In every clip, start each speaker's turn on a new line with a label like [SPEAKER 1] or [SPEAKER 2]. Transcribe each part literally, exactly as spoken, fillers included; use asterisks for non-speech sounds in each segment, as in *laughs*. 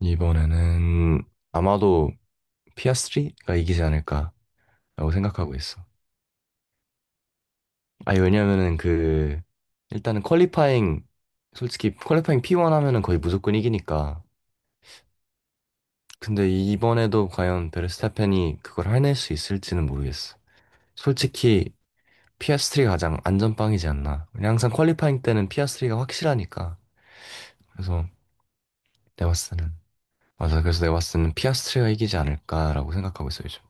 [SPEAKER 1] 이번에는 아마도 피아스트리가 이기지 않을까라고 생각하고 있어. 아, 왜냐면은 그 일단은 퀄리파잉 솔직히 퀄리파잉 피 원 하면은 거의 무조건 이기니까. 근데 이번에도 과연 베르스타펜이 그걸 해낼 수 있을지는 모르겠어. 솔직히 피아스트리가 가장 안전빵이지 않나. 그냥 항상 퀄리파잉 때는 피아스트리가 확실하니까. 그래서 내가 봤을 때는, 맞아. 그래서 내가 봤을 때는 피아스트리가 이기지 않을까라고 생각하고 있어 요즘.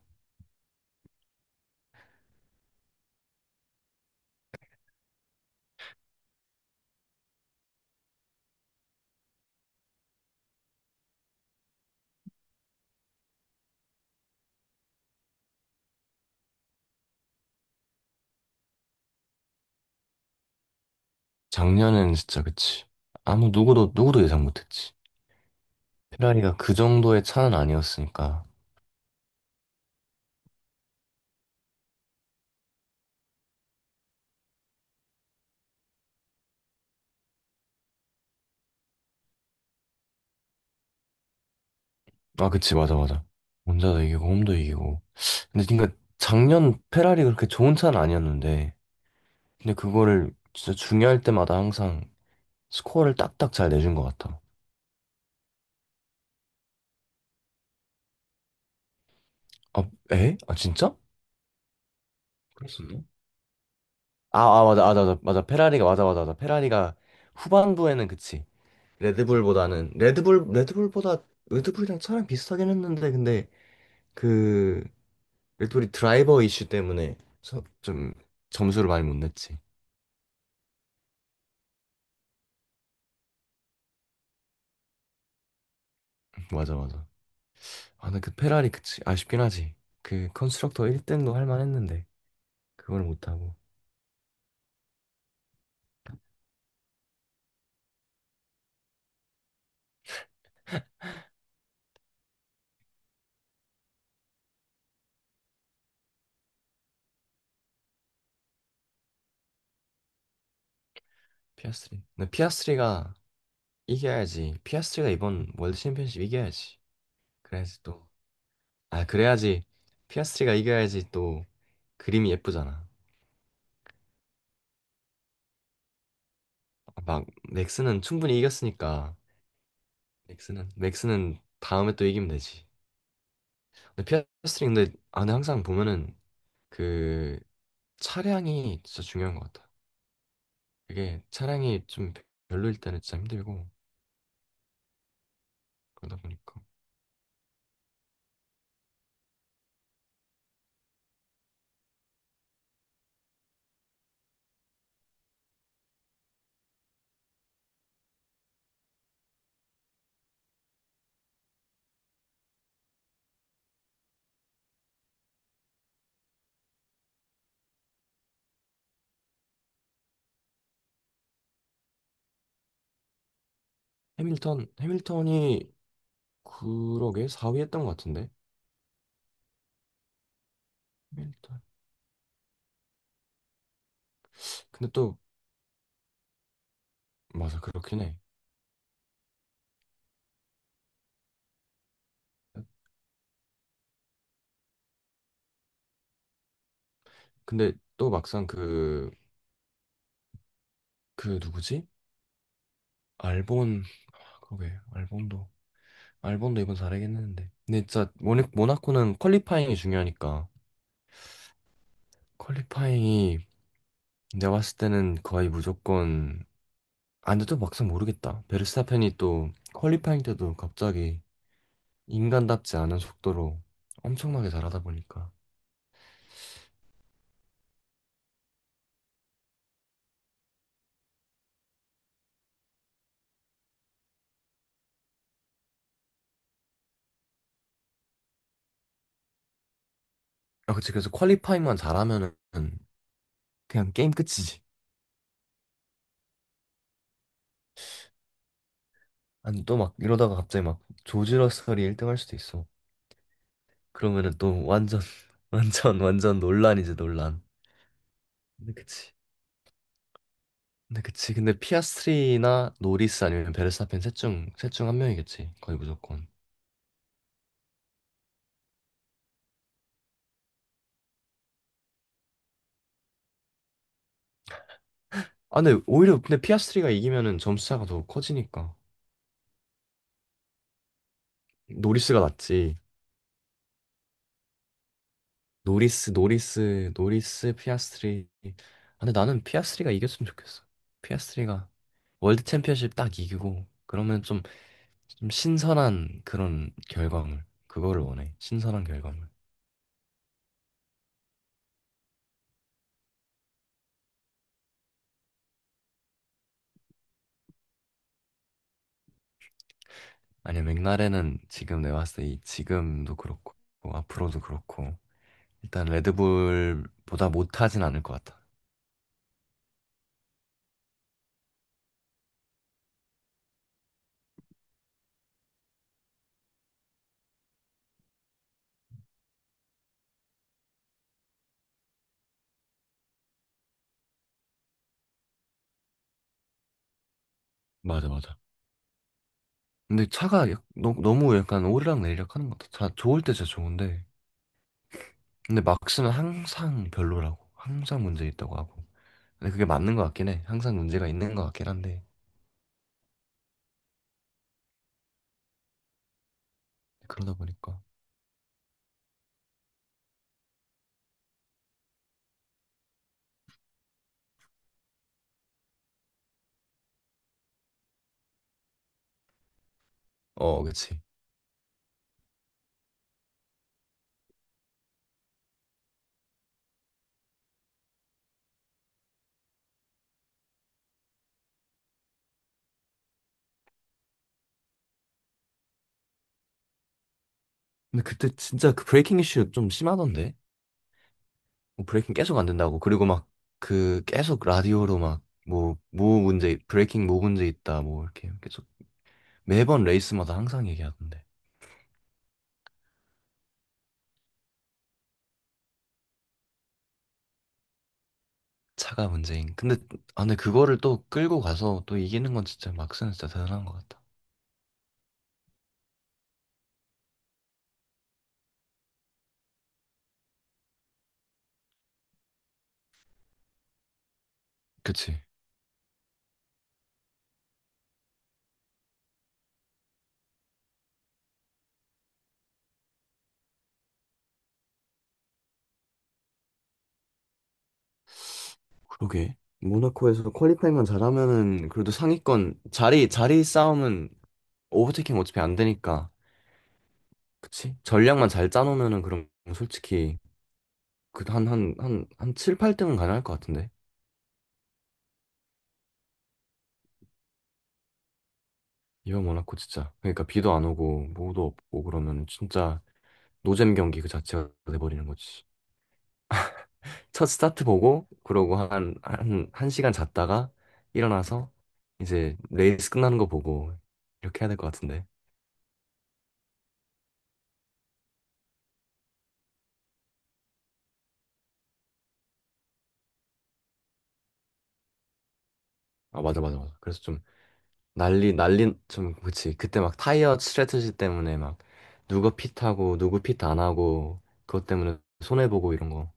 [SPEAKER 1] 작년엔 진짜 그치. 아무 누구도 누구도 예상 못했지. 페라리가 그 정도의 차는 아니었으니까. 아, 그치. 맞아, 맞아. 혼자도 이기고 홈도 이기고. 근데 그러니까 작년 페라리 그렇게 좋은 차는 아니었는데, 근데 그거를 진짜 중요할 때마다 항상 스코어를 딱딱 잘 내준 것 같아. 아, 에? 아, 진짜? 그랬었나? 아, 아 맞아 맞아 맞아 맞아. 페라리가 맞아 맞아 맞아. 페라리가 후반부에는, 그치. 레드불보다는 레드불 레드불보다 레드불이랑 차랑 비슷하긴 했는데, 근데 그 우리 드라이버 이슈 때문에 서- 좀 점수를 많이 못 냈지. *laughs* 맞아, 맞아. 아, 근데 그 페라리 그치. 아쉽긴 하지. 그 컨스트럭터 일 등도 할 만했는데 그걸 못하고. 피아스트리. 근데 피아스트리가 이겨야지. 피아스트리가 이번 월드 챔피언십 이겨야지. 그래야지 또. 아, 그래야지. 피아스트리가 이겨야지 또. 그림이 예쁘잖아. 아, 막 맥스는 충분히 이겼으니까, 맥스는 맥스는 다음에 또 이기면 되지. 근데 피아스트리, 근데 아, 에 항상 보면은 그 차량이 진짜 중요한 것 같아. 그게 차량이 좀 별로일 때는 진짜 힘들고, 그러다 보니까. 해밀턴 해밀턴이 그러게 사 위 했던 것 같은데. 해밀턴. 근데 또, 맞아, 그렇긴 해. 근데 또 막상 그 그 누구지? 알본, 아, 그러게 알본도 알본도 이번 잘하긴 했는데. 근데 진짜 모니, 모나코는 퀄리파잉이 중요하니까. 퀄리파잉이 내가 봤을 때는 거의 무조건. 아, 근데 또 막상 모르겠다. 베르스타펜이 또 퀄리파잉 때도 갑자기 인간답지 않은 속도로 엄청나게 잘하다 보니까. 아, 그치. 그래서 퀄리파잉만 잘하면은 그냥 게임 끝이지. 아니, 또 막 이러다가 갑자기 막 조지 러셀이 일 등 할 수도 있어. 그러면은 또 완전, *laughs* 완전, 완전 논란이지, 논란. 근데 그치. 근데 그치. 근데 피아스트리나 노리스 아니면 베르스타펜 셋 중, 셋 중 한 명이겠지. 거의 무조건. 아, 근데 오히려 근데 피아스트리가 이기면은 점수 차가 더 커지니까. 노리스가 낫지. 노리스, 노리스, 노리스, 피아스트리. 아, 근데 나는 피아스트리가 이겼으면 좋겠어. 피아스트리가 월드 챔피언십 딱 이기고 그러면 좀, 좀 신선한 그런 결과물. 그거를 원해. 신선한 결과물. 아니야, 맥라렌은 지금 내가 봤을 때이 지금도 그렇고 뭐 앞으로도 그렇고 일단 레드불보다 못하진 않을 것 같아. 맞아, 맞아. 근데 차가 약- 너, 너무 약간 오르락 내리락 하는 것 같아. 차 좋을 때 진짜 좋은데, 근데 막 쓰면 항상 별로라고. 항상 문제 있다고 하고. 근데 그게 맞는 것 같긴 해. 항상 문제가 있는 것 같긴 한데. 그러다 보니까. 어, 그치. 근데 그때 진짜 그 브레이킹 이슈 좀 심하던데? 뭐 브레이킹 계속 안 된다고. 그리고 막 그 계속 라디오로 막 뭐, 뭐 문제, 브레이킹 뭐 문제 있다. 뭐 이렇게 계속 매번 레이스마다 항상 얘기하던데. 차가 문제인. 근데, 아, 근데 그거를 또 끌고 가서 또 이기는 건 진짜 막스는 진짜 대단한 것 같다. 그치. 그러게. 모나코에서 퀄리파이만 잘하면은 그래도 상위권 자리 자리 싸움은, 오버테이킹 어차피 안 되니까. 그치? 전략만 잘 짜놓으면은 그럼 솔직히 그 한, 한, 한, 한 칠, 팔 등은 가능할 것 같은데. 이번 모나코 진짜. 그러니까 비도 안 오고 뭐도 없고 그러면 진짜 노잼 경기 그 자체가 돼버리는 거지. 첫 스타트 보고 그러고 한, 한, 한 시간 잤다가 일어나서 이제 레이스 끝나는 거 보고 이렇게 해야 될 것 같은데. 아, 맞아, 맞아, 맞아. 그래서 좀 난리, 난리, 좀, 그치. 그때 막 타이어 스트래티지 때문에 막 누가 핏하고 누구 핏 안 하고 그것 때문에 손해보고 이런 거.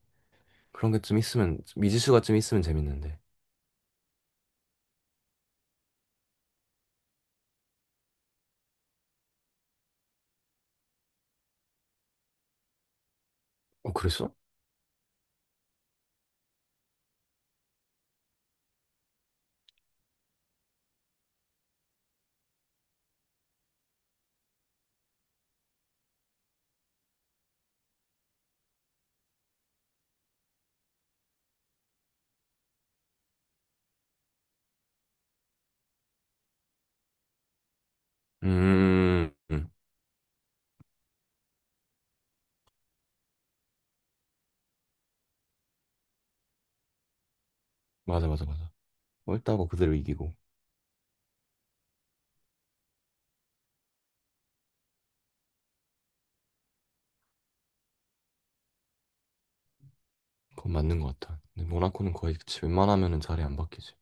[SPEAKER 1] 그런 게 좀 있으면, 미지수가 좀 있으면 재밌는데. 어, 그랬어? 음, 음. 맞아 맞아 맞아. 헐다고 그대로 이기고. 그건 맞는 것 같아. 근데 모나코는 거의 그치. 웬만하면은 자리 안 바뀌지.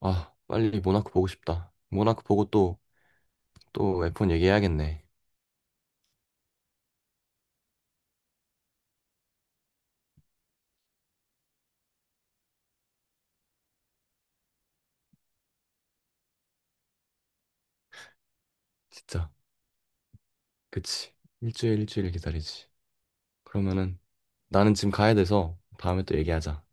[SPEAKER 1] 아, 빨리 모나코 보고 싶다. 모나코 보고 또 또 에프 원 얘기해야겠네. 진짜 그치. 일주일 일주일 기다리지. 그러면은 나는 지금 가야 돼서 다음에 또 얘기하자.